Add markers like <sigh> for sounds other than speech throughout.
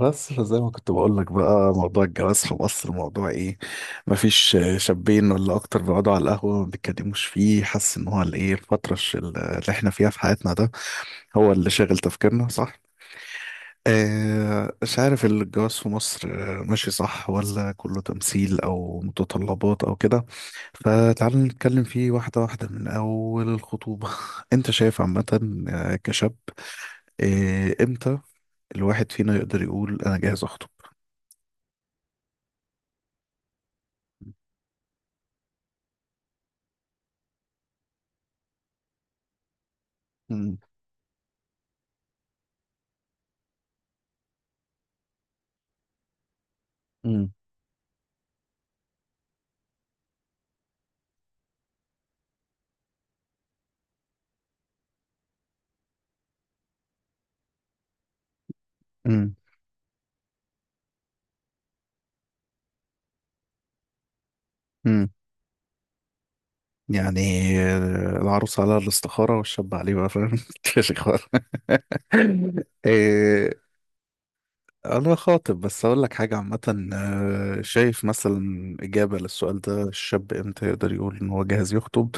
بس فزي ما كنت بقول لك، بقى موضوع الجواز في مصر موضوع ايه؟ مفيش شابين ولا اكتر بيقعدوا على القهوه ما بيتكلموش فيه، حاسس ان هو الايه، الفتره اللي احنا فيها في حياتنا ده هو اللي شاغل تفكيرنا، صح؟ آه، مش عارف. الجواز في مصر. آه، ماشي، صح؟ ولا كله تمثيل او متطلبات او كده؟ فتعال نتكلم فيه واحده واحده من اول الخطوبه. <laughs> انت شايف عامه؟ آه، كشاب. آه، امتى الواحد فينا يقدر يقول انا جاهز اخطب؟ امم. امم. امم. يعني آه، العروس على الاستخارة والشاب عليه بقى، فاهم؟ <laughs> الاستخارة. <laughs> إيه، أنا خاطب، بس أقول لك حاجة عامة. آه، شايف مثلا إجابة للسؤال ده، الشاب إمتى يقدر يقول إن هو جاهز يخطب؟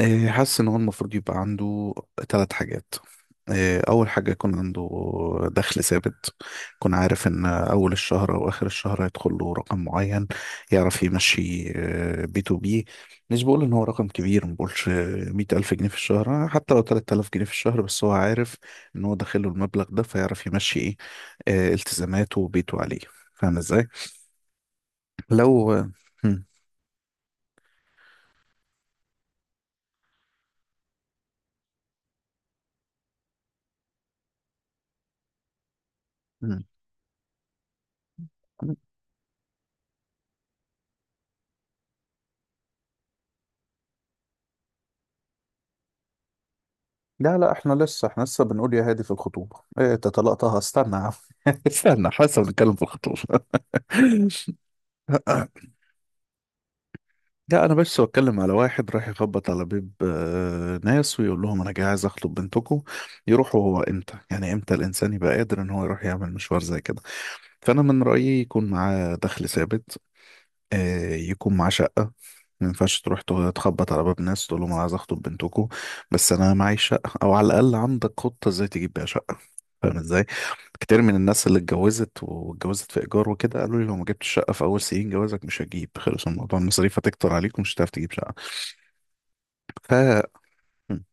إيه، حاسس ان هو المفروض يبقى عنده ثلاث حاجات. إيه، اول حاجه يكون عنده دخل ثابت، يكون عارف ان اول الشهر او اخر الشهر هيدخل له رقم معين، يعرف يمشي B2B. مش بقول ان هو رقم كبير، ما بقولش 100,000 جنيه في الشهر، حتى لو 3,000 جنيه في الشهر، بس هو عارف ان هو داخله المبلغ ده فيعرف يمشي ايه، آه، التزاماته وبيته عليه. فاهم ازاي؟ لو مم. لا لا، احنا لسه بنقول يا هادي في الخطوبة، ايه انت طلقتها؟ استنى يا عم. <laughs> استنى، احنا لسه بنتكلم في الخطوبة. <laughs> لا، انا بس بتكلم على واحد راح يخبط على بيب آه، ناس ويقول لهم انا جاي عايز اخطب بنتكم يروحوا. هو امتى، يعني امتى الانسان يبقى قادر ان هو يروح يعمل مشوار زي كده؟ فانا من رأيي يكون معاه دخل ثابت، آه، يكون معاه شقة. ما ينفعش تروح تخبط على باب ناس تقول لهم انا عايز اخطب بنتكم بس انا معي شقة، او على الاقل عندك خطة ازاي تجيب بيها شقة. فاهم ازاي؟ كتير من الناس اللي اتجوزت واتجوزت في ايجار وكده قالوا لي: لو ما جبتش شقه في اول سنين جوازك مش هجيب، خلص الموضوع، المصاريف هتكتر عليك ومش هتعرف تجيب شقه. ف م.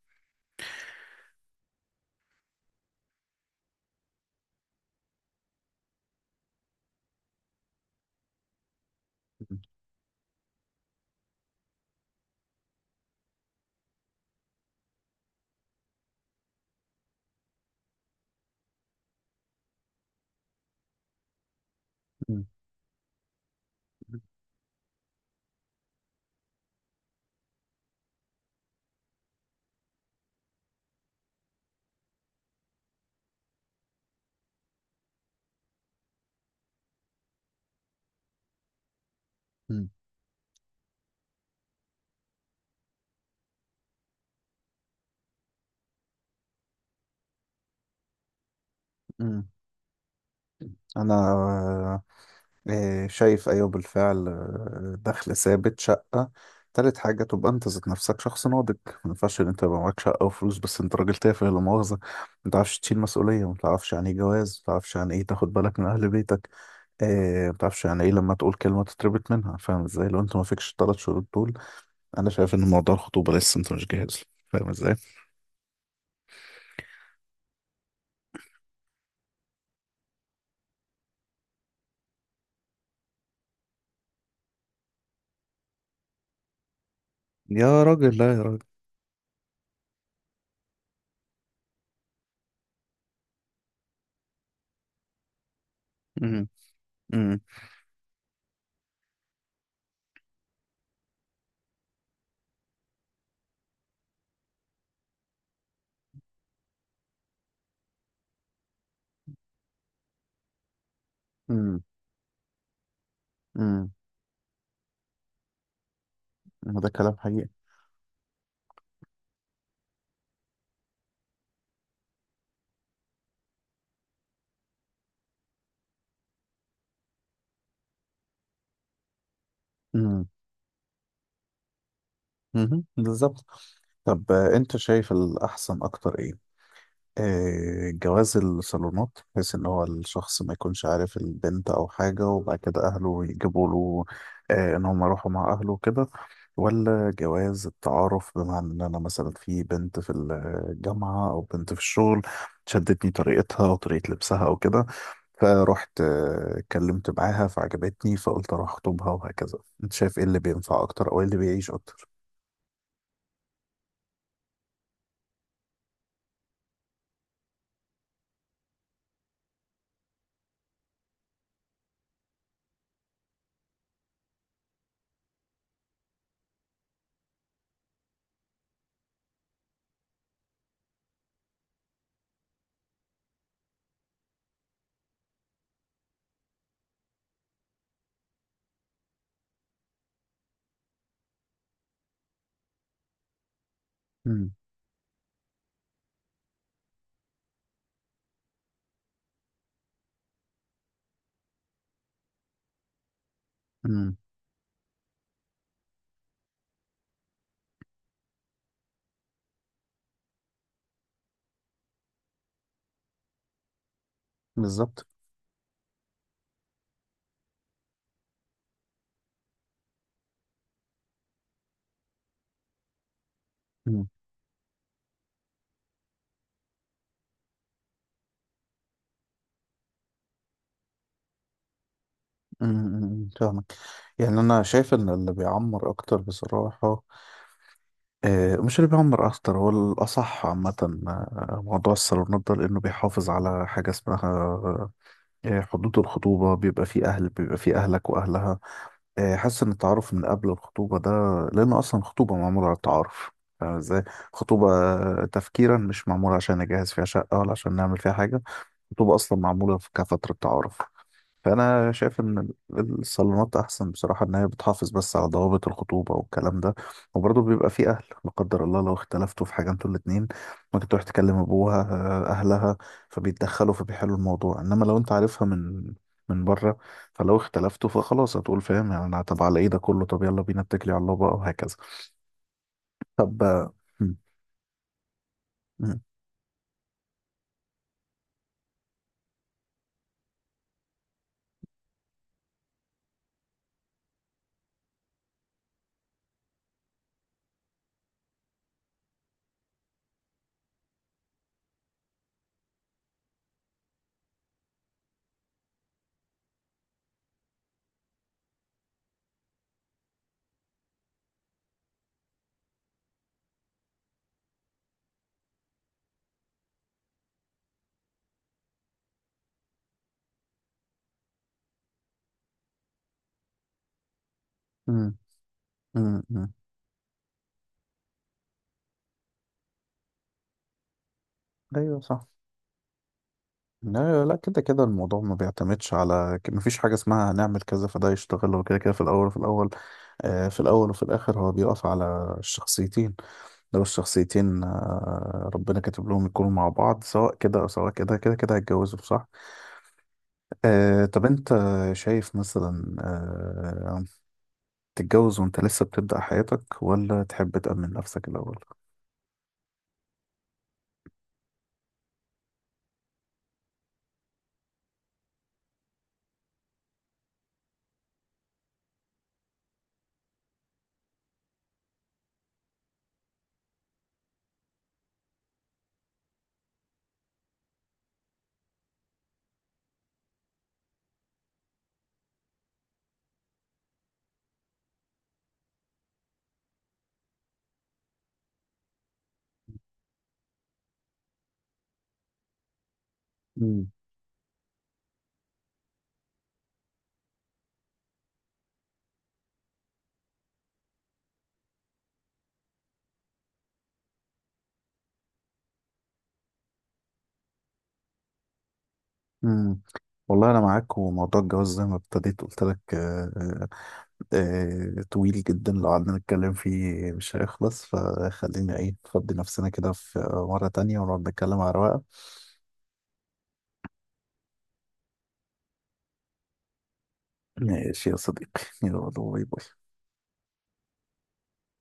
م. م. م. م. انا، إيه، شايف، أيوه بالفعل، آه، دخل ثابت، شقة. تالت حاجة تبقى أنت ذات نفسك شخص ناضج. ما ينفعش إن أنت يبقى معاك شقة وفلوس بس أنت راجل تافه، لا مؤاخذة. ما تعرفش تشيل مسؤولية، ما تعرفش يعني إيه جواز، ما تعرفش يعني إيه تاخد بالك من أهل بيتك، إيه، ما تعرفش يعني إيه لما تقول كلمة تتربط منها. فاهم إزاي؟ لو أنت ما فيكش التلات شروط دول، أنا شايف إن موضوع الخطوبة لسه أنت مش جاهز له. فاهم إزاي؟ يا راجل، لا يا راجل. امم. امم. امم. امم. ده كلام حقيقي. امم. امم. بالظبط. طب آه، انت شايف الاحسن اكتر ايه، آه، جواز الصالونات بحيث ان هو الشخص ما يكونش عارف البنت او حاجة وبعد كده اهله يجيبوا له، آه، ان هم يروحوا مع اهله وكده؟ ولا جواز التعارف، بمعنى ان انا مثلا في بنت في الجامعة او بنت في الشغل شدتني طريقتها وطريقة لبسها او كده، فروحت آه، اتكلمت معاها فعجبتني فقلت اروح اخطبها وهكذا. انت شايف ايه اللي بينفع اكتر او ايه اللي بيعيش اكتر؟ امم. امم. بالظبط. أمم، فاهمك. يعني انا شايف ان اللي بيعمر اكتر بصراحه، آه، مش اللي بيعمر اكتر، هو الاصح عامه، آه، موضوع الصالونات ده لانه بيحافظ على حاجه اسمها آه، حدود الخطوبه. بيبقى فيه اهل، بيبقى فيه اهلك واهلها، آه، حاسس ان التعارف من قبل الخطوبه ده، لان اصلا الخطوبه معموله على التعارف. فاهم ازاي؟ خطوبه، آه، تفكيرا مش معموله عشان نجهز فيها شقه ولا عشان نعمل فيها حاجه. خطوبه اصلا معموله كفتره تعارف. فانا شايف ان الصالونات احسن بصراحه، ان هي بتحافظ بس على ضوابط الخطوبه والكلام ده. وبرضه بيبقى في اهل، لا قدر الله لو اختلفتوا في حاجه انتوا الاتنين، ممكن تروح تكلم ابوها، آه، اهلها، فبيتدخلوا فبيحلوا الموضوع. انما لو انت عارفها من بره، فلو اختلفتوا فخلاص هتقول فاهم يعني، انا طب على ايه ده كله، طب يلا بينا اتكلي على الله بقى، وهكذا. طب، آه، م- م- م- م- م. ايوه صح. لا لا، كده كده الموضوع ما بيعتمدش، على ما فيش حاجة اسمها هنعمل كذا فده يشتغل. هو كده كده في الأول وفي الآخر هو بيقف على الشخصيتين. لو الشخصيتين ربنا كاتب لهم يكونوا مع بعض، سواء كده أو سواء كده، كده كده هيتجوزوا، صح. آه، طب أنت شايف مثلا آه، تتجوز وأنت لسه بتبدأ حياتك، ولا تحب تأمن نفسك الأول؟ مم. مم. والله أنا معاك، وموضوع الجواز زي ما ابتديت قلت لك آه، طويل جدا، لو قعدنا نتكلم فيه مش هيخلص، فخلينا ايه نفضي نفسنا كده في مرة تانية ونقعد نتكلم على رواقة. ماشي يا صديقي، يلا باي باي.